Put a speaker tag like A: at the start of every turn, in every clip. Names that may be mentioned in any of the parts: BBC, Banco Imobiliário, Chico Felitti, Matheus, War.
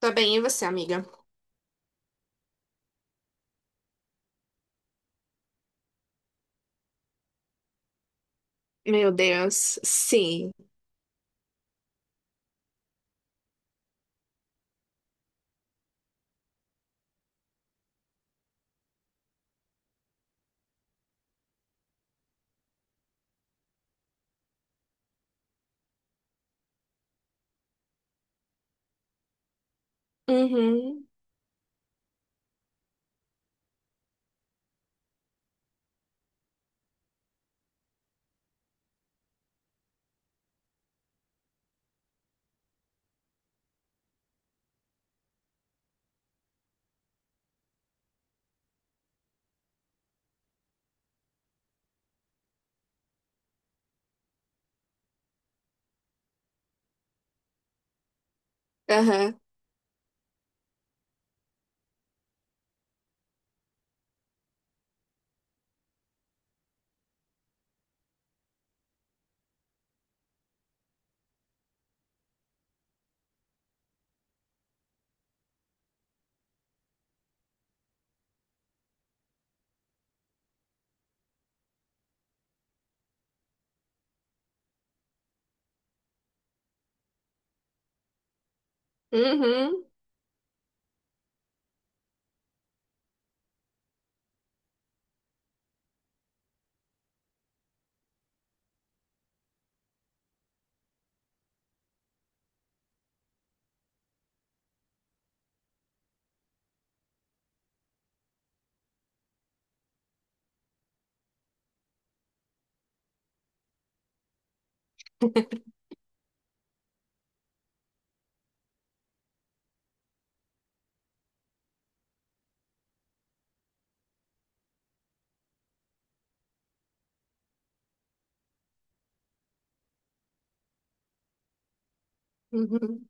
A: Tá bem, e você, amiga? Meu Deus, sim. Uhum, aham, uhum, uhum.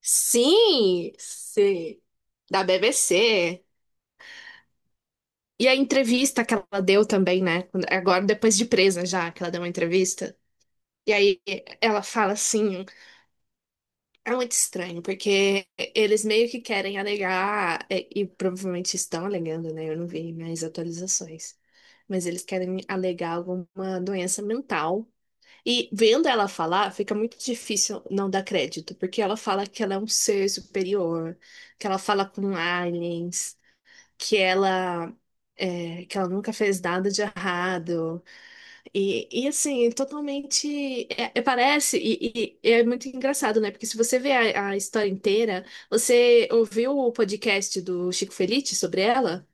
A: Sim, sim. Da BBC. E a entrevista que ela deu também, né? Agora, depois de presa já, que ela deu uma entrevista. E aí ela fala assim, é muito estranho, porque eles meio que querem alegar, e provavelmente estão alegando, né? Eu não vi mais atualizações. Mas eles querem alegar alguma doença mental. E vendo ela falar, fica muito difícil não dar crédito, porque ela fala que ela é um ser superior, que ela fala com aliens, que ela que ela nunca fez nada de errado. E assim, totalmente parece, e é muito engraçado, né? Porque se você vê a história inteira, você ouviu o podcast do Chico Felitti sobre ela?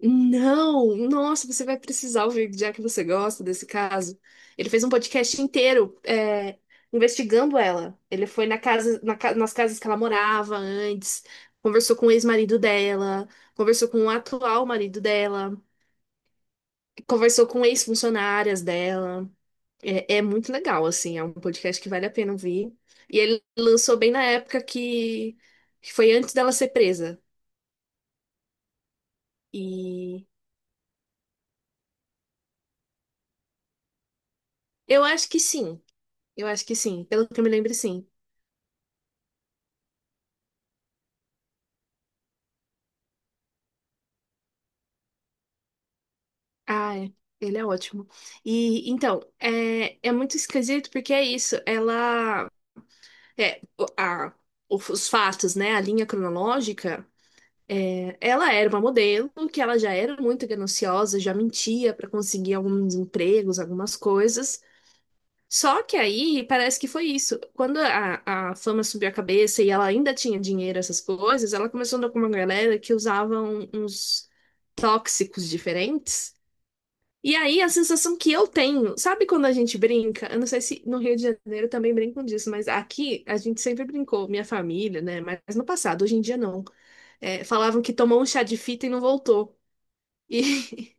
A: Não, nossa, você vai precisar ouvir, já que você gosta desse caso. Ele fez um podcast inteiro, investigando ela. Ele foi na casa, na ca- nas casas que ela morava antes, conversou com o ex-marido dela, conversou com o atual marido dela, conversou com ex-funcionárias dela. É muito legal, assim, é um podcast que vale a pena ouvir. E ele lançou bem na época que foi antes dela ser presa. E eu acho que sim. Eu acho que sim, pelo que eu me lembro, sim. Ah, é. Ele é ótimo. E então, é muito esquisito porque é isso. Ela. É, o- a, os fatos, né? A linha cronológica. Ela era uma modelo que ela já era muito gananciosa, já mentia para conseguir alguns empregos, algumas coisas. Só que aí parece que foi isso. Quando a fama subiu a cabeça e ela ainda tinha dinheiro, essas coisas, ela começou a andar com uma galera que usava uns tóxicos diferentes. E aí, a sensação que eu tenho, sabe quando a gente brinca? Eu não sei se no Rio de Janeiro também brincam disso, mas aqui a gente sempre brincou, minha família, né? Mas no passado, hoje em dia não. É, falavam que tomou um chá de fita e não voltou. E,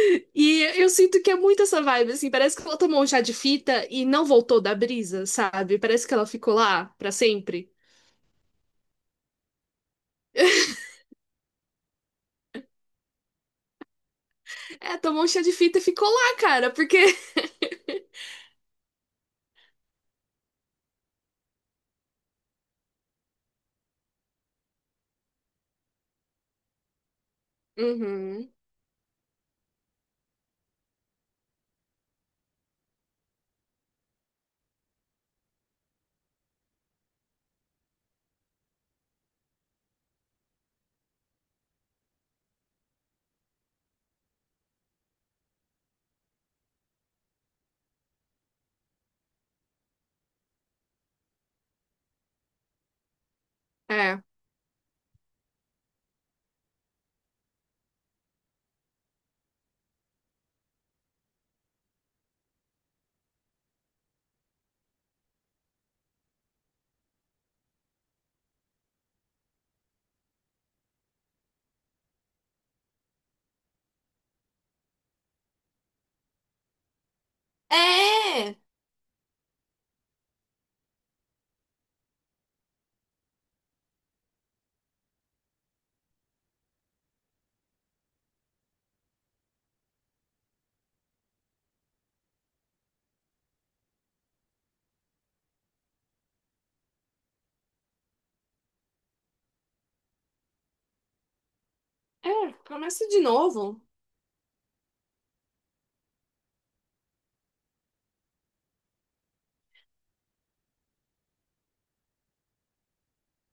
A: e eu sinto que é muito essa vibe, assim, parece que ela tomou um chá de fita e não voltou da brisa, sabe? Parece que ela ficou lá pra sempre. É, tomou um chá de fita e ficou lá, cara, porque. Uhum, é. É! É, começa de novo.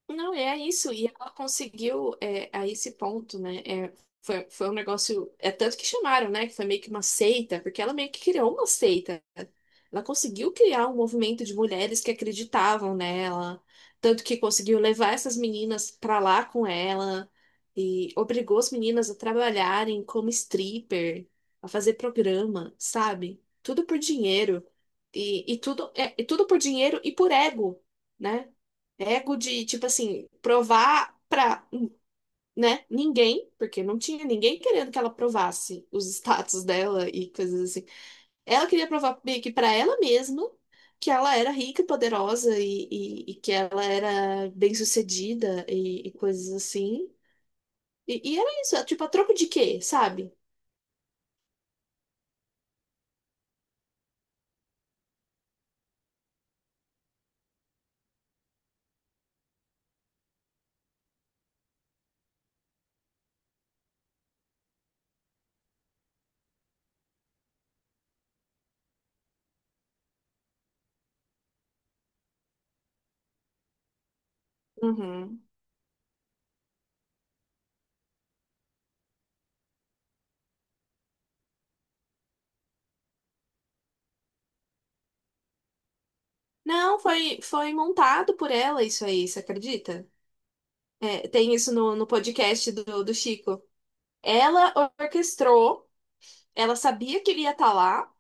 A: Não, é isso. E ela conseguiu a esse ponto, né? É, foi um negócio. É tanto que chamaram, né? Que foi meio que uma seita, porque ela meio que criou uma seita. Ela conseguiu criar um movimento de mulheres que acreditavam nela. Tanto que conseguiu levar essas meninas pra lá com ela. E obrigou as meninas a trabalharem como stripper, a fazer programa, sabe? Tudo por dinheiro. E tudo por dinheiro e por ego. Né? Ego de, tipo assim, provar pra, né, ninguém, porque não tinha ninguém querendo que ela provasse os status dela e coisas assim. Ela queria provar meio que pra ela mesma que ela era rica e poderosa e que ela era bem-sucedida e coisas assim. E era isso, é tipo, a troco de quê, sabe? Uhum. Não, foi montado por ela isso aí, você acredita? É, tem isso no podcast do Chico. Ela orquestrou. Ela sabia que ele ia estar lá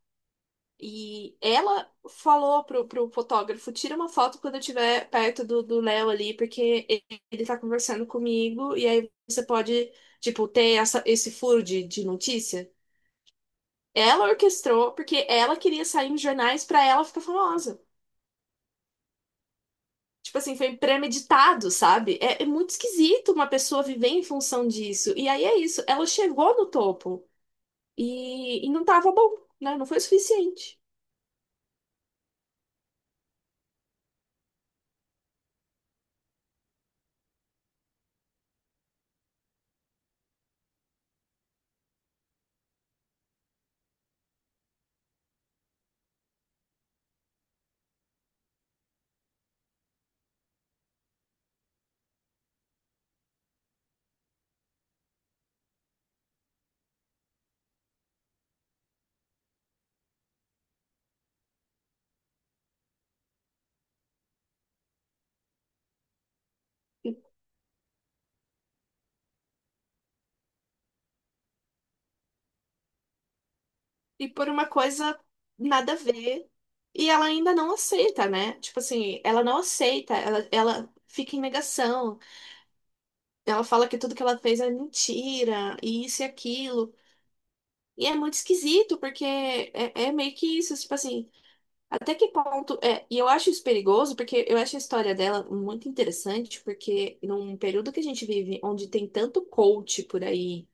A: e ela falou pro fotógrafo: tira uma foto quando eu estiver perto do Léo ali, porque ele tá conversando comigo e aí você pode, tipo, ter essa, esse furo de notícia. Ela orquestrou porque ela queria sair nos jornais pra ela ficar famosa. Tipo assim, foi premeditado, sabe? É muito esquisito uma pessoa viver em função disso. E aí é isso, ela chegou no topo e não tava bom, né? Não foi o suficiente. E por uma coisa nada a ver. E ela ainda não aceita, né? Tipo assim, ela não aceita, ela fica em negação. Ela fala que tudo que ela fez é mentira, e isso e aquilo. E é muito esquisito, porque é meio que isso, tipo assim, até que ponto. É, e eu acho isso perigoso, porque eu acho a história dela muito interessante, porque num período que a gente vive, onde tem tanto coach por aí,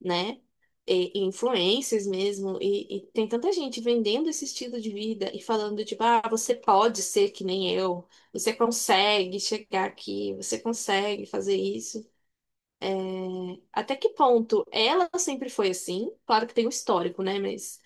A: né? E influencers mesmo, e tem tanta gente vendendo esse estilo de vida e falando, tipo, ah, você pode ser que nem eu, você consegue chegar aqui, você consegue fazer isso. Até que ponto ela sempre foi assim? Claro que tem um histórico, né? Mas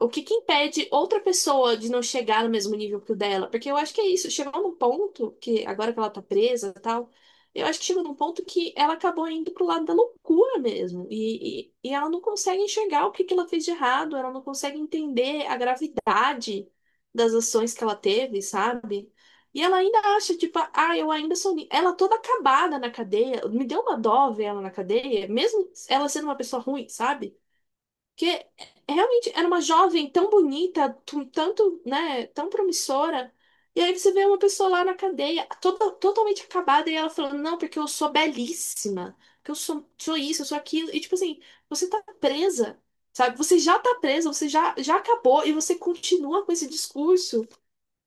A: o que que impede outra pessoa de não chegar no mesmo nível que o dela? Porque eu acho que é isso, chegou num ponto que, agora que ela tá presa e tal, eu acho que chegou num ponto que ela acabou indo pro lado da loucura mesmo. E ela não consegue enxergar o que que ela fez de errado, ela não consegue entender a gravidade das ações que ela teve, sabe? E ela ainda acha, tipo, ah, eu ainda sou. Ela toda acabada na cadeia, me deu uma dó ver ela na cadeia, mesmo ela sendo uma pessoa ruim, sabe? Que realmente era uma jovem tão bonita, tanto, né, tão promissora. E aí você vê uma pessoa lá na cadeia, toda, totalmente acabada, e ela falando, não, porque eu sou belíssima, que eu sou isso, eu sou aquilo. E tipo assim, você tá presa, sabe? Você já tá presa, você já acabou, e você continua com esse discurso.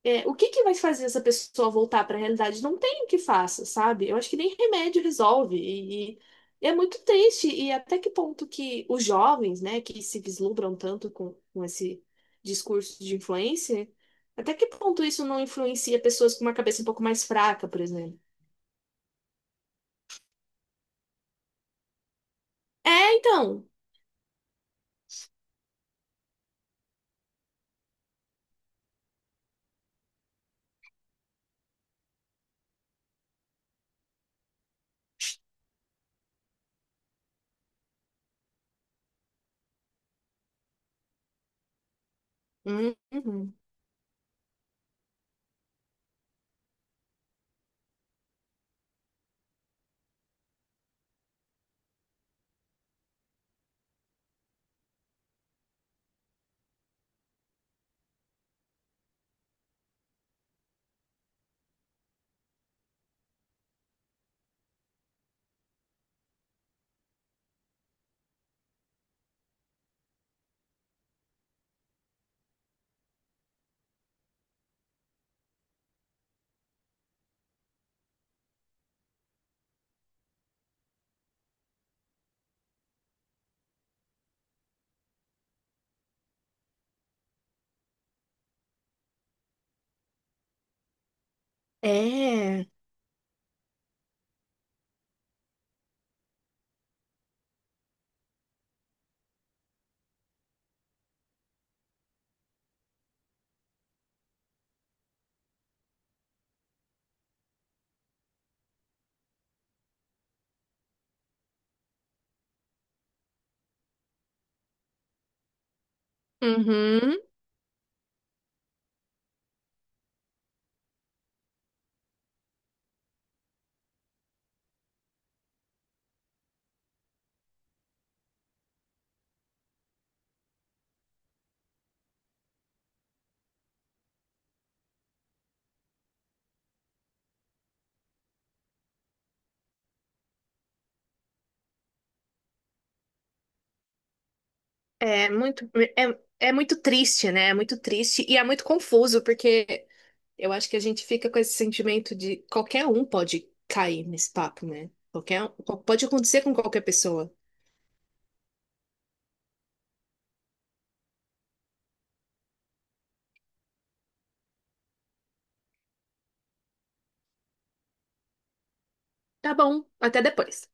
A: É, o que que vai fazer essa pessoa voltar para a realidade? Não tem o que faça, sabe? Eu acho que nem remédio resolve. E é muito triste. E até que ponto que os jovens, né, que se vislumbram tanto com esse discurso de influência, até que ponto isso não influencia pessoas com uma cabeça um pouco mais fraca, por exemplo? É, então. Uhum. É, uhum. É muito, é, é muito triste, né? É muito triste e é muito confuso, porque eu acho que a gente fica com esse sentimento de qualquer um pode cair nesse papo, né? Pode acontecer com qualquer pessoa. Tá bom, até depois.